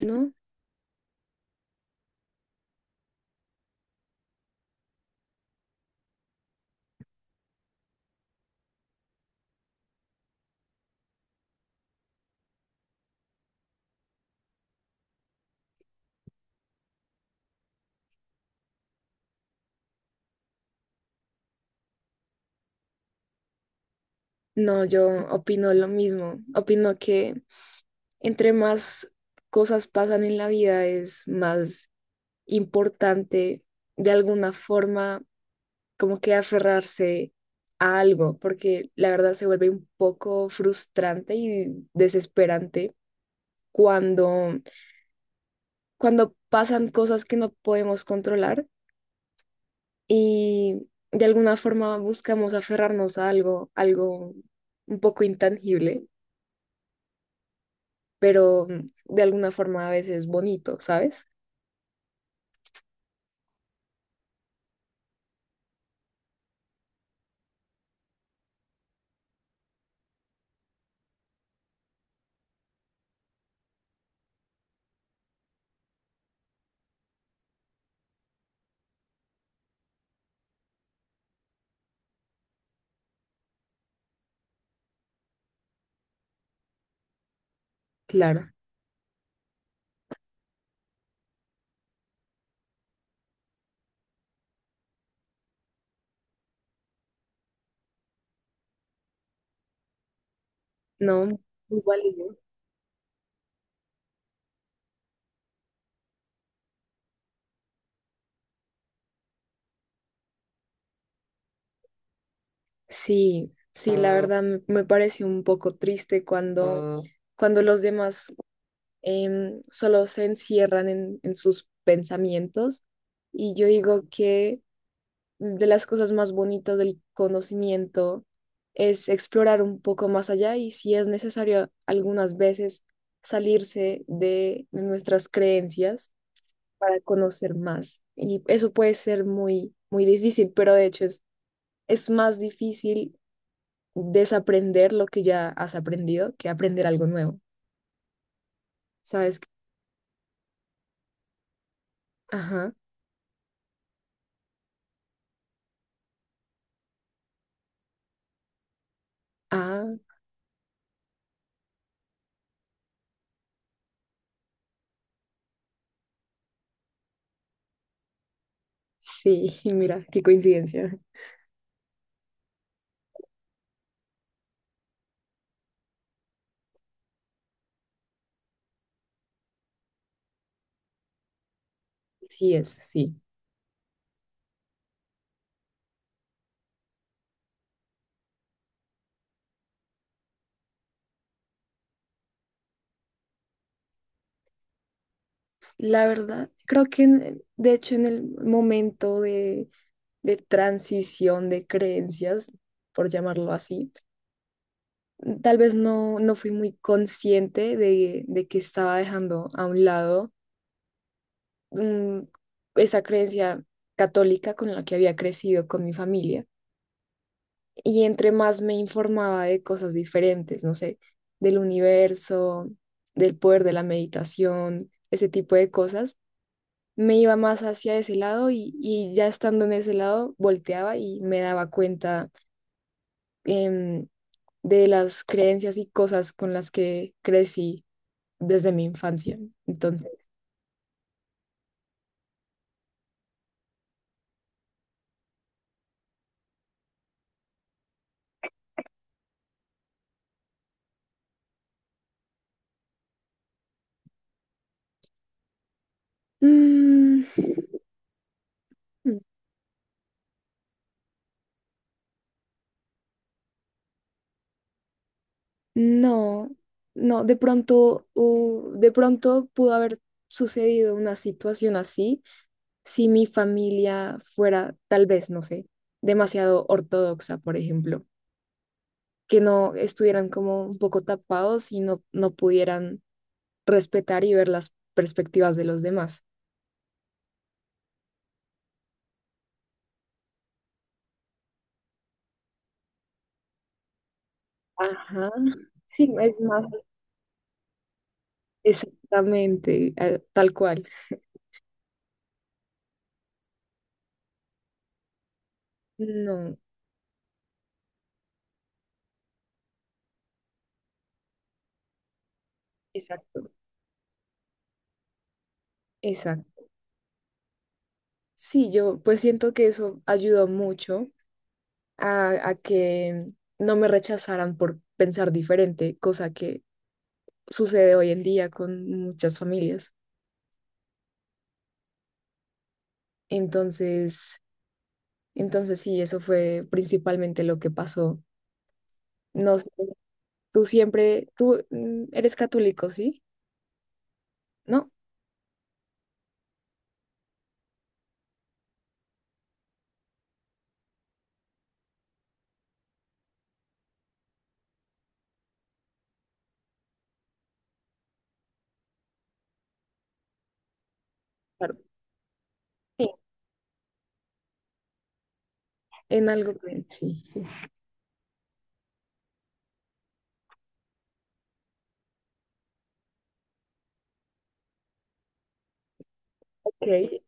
No, no, yo opino lo mismo. Opino que entre más cosas pasan en la vida es más importante de alguna forma como que aferrarse a algo, porque la verdad se vuelve un poco frustrante y desesperante cuando, cuando pasan cosas que no podemos controlar y de alguna forma buscamos aferrarnos a algo un poco intangible pero de alguna forma a veces bonito, ¿sabes? Claro, no. Igual y yo. Sí, sí, la verdad me pareció un poco triste cuando los demás solo se encierran en sus pensamientos, y yo digo que de las cosas más bonitas del conocimiento es explorar un poco más allá y, si es necesario, algunas veces salirse de nuestras creencias para conocer más. Y eso puede ser muy, muy difícil, pero de hecho es más difícil desaprender lo que ya has aprendido que aprender algo nuevo. ¿Sabes? Ajá. Ah, sí, mira, qué coincidencia. Sí es, sí. La verdad, de hecho en el momento de transición de creencias, por llamarlo así, tal vez no fui muy consciente de que estaba dejando a un lado mm, esa creencia católica con la que había crecido con mi familia. Y entre más me informaba de cosas diferentes, no sé, del universo, del poder de la meditación, ese tipo de cosas, me iba más hacia ese lado, y ya estando en ese lado volteaba y me daba cuenta em, de las creencias y cosas con las que crecí desde mi infancia. Entonces, mm, no, no, de pronto, de pronto pudo haber sucedido una situación así si mi familia fuera, tal vez, no sé, demasiado ortodoxa, por ejemplo, que no estuvieran como un poco tapados y no, no pudieran respetar y ver las perspectivas de los demás. Ajá. Sí, es más, exactamente, tal cual. No, exacto, exacto. Sí, yo pues siento que eso ayudó mucho a que no me rechazaran por pensar diferente, cosa que sucede hoy en día con muchas familias. Entonces, sí, eso fue principalmente lo que pasó. No sé, tú eres católico, ¿sí? ¿No? Claro. Sí, en algo, sí. Ok,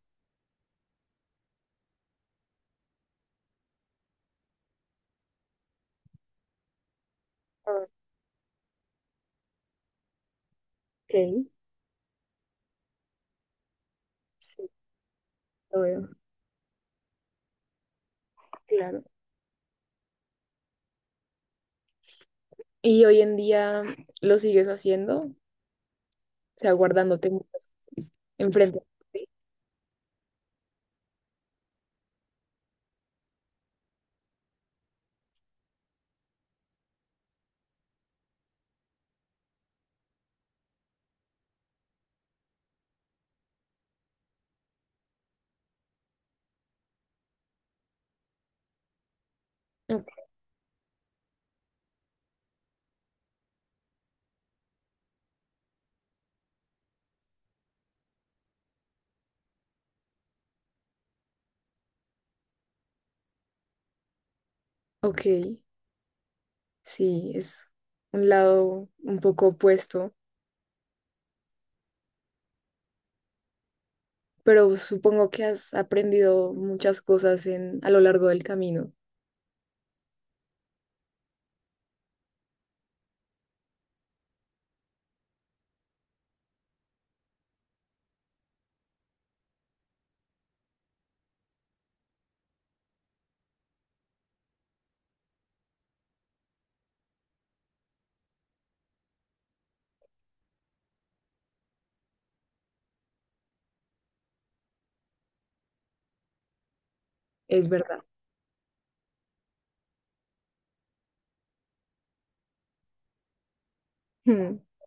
ok, sí, lo veo. Claro. ¿Y hoy en día lo sigues haciendo? O sea, guardándote muchas cosas enfrente de ti. Ok. Ok. Sí, es un lado un poco opuesto, pero supongo que has aprendido muchas cosas a lo largo del camino, es verdad. Mm.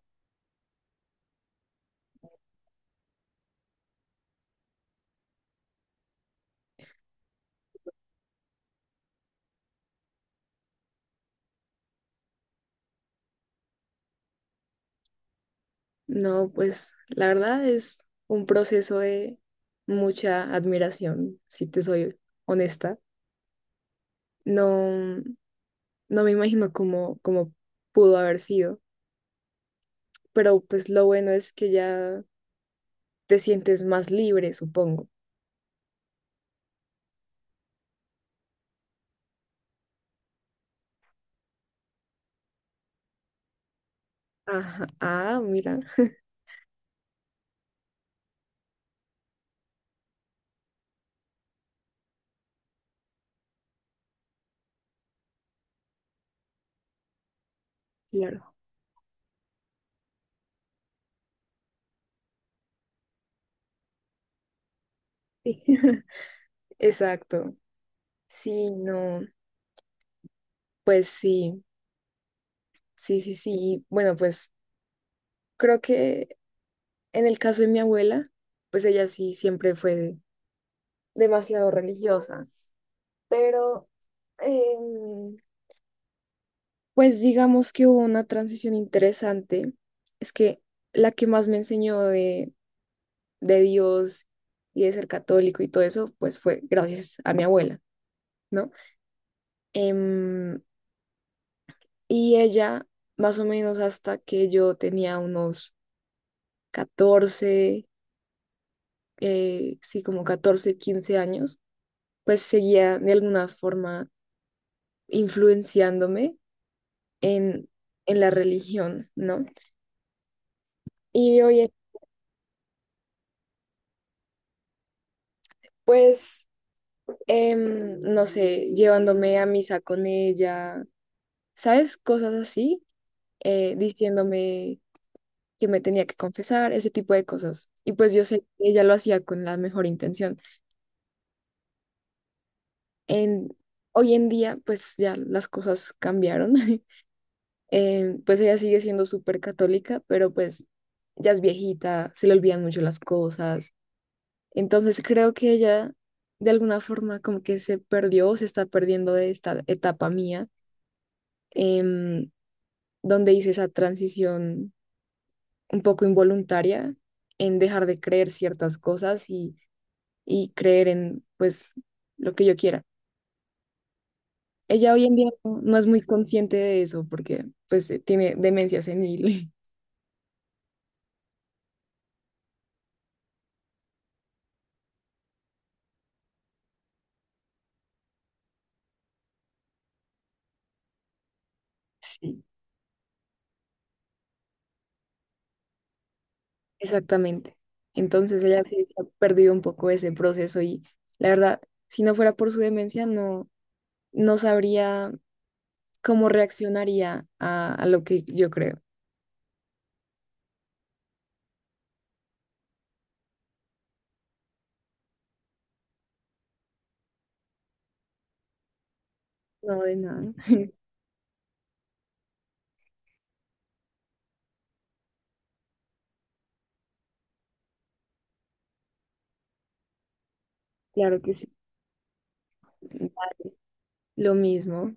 No, pues la verdad es un proceso de mucha admiración, si te soy honesta. No, no me imagino cómo pudo haber sido, pero pues lo bueno es que ya te sientes más libre, supongo. Ajá, ah, mira, claro. Sí. Exacto. Sí, no, pues sí, sí, sí, sí. Bueno, pues creo que en el caso de mi abuela, pues ella sí siempre fue demasiado religiosa, pero em, pues digamos que hubo una transición interesante. Es que la que más me enseñó de Dios y de ser católico y todo eso, pues fue gracias a mi abuela, ¿no? Em, y ella, más o menos hasta que yo tenía unos 14, sí, como 14, 15 años, pues seguía de alguna forma influenciándome en, en la religión, ¿no? Y oye, pues, no sé, llevándome a misa con ella, ¿sabes? Cosas así, diciéndome que me tenía que confesar, ese tipo de cosas. Y pues yo sé que ella lo hacía con la mejor intención. En, Hoy en día, pues ya las cosas cambiaron. Pues ella sigue siendo súper católica, pero pues ya es viejita, se le olvidan mucho las cosas. Entonces creo que ella de alguna forma como que se perdió, o se está perdiendo de esta etapa mía, em, donde hice esa transición un poco involuntaria en dejar de creer ciertas cosas, y creer en pues lo que yo quiera. Ella hoy en día no es muy consciente de eso porque pues tiene demencia senil. Sí. Exactamente. Entonces ella sí se ha perdido un poco ese proceso y la verdad, si no fuera por su demencia, no, no sabría cómo reaccionaría a lo que yo creo. No, de nada. Claro que sí. Lo mismo.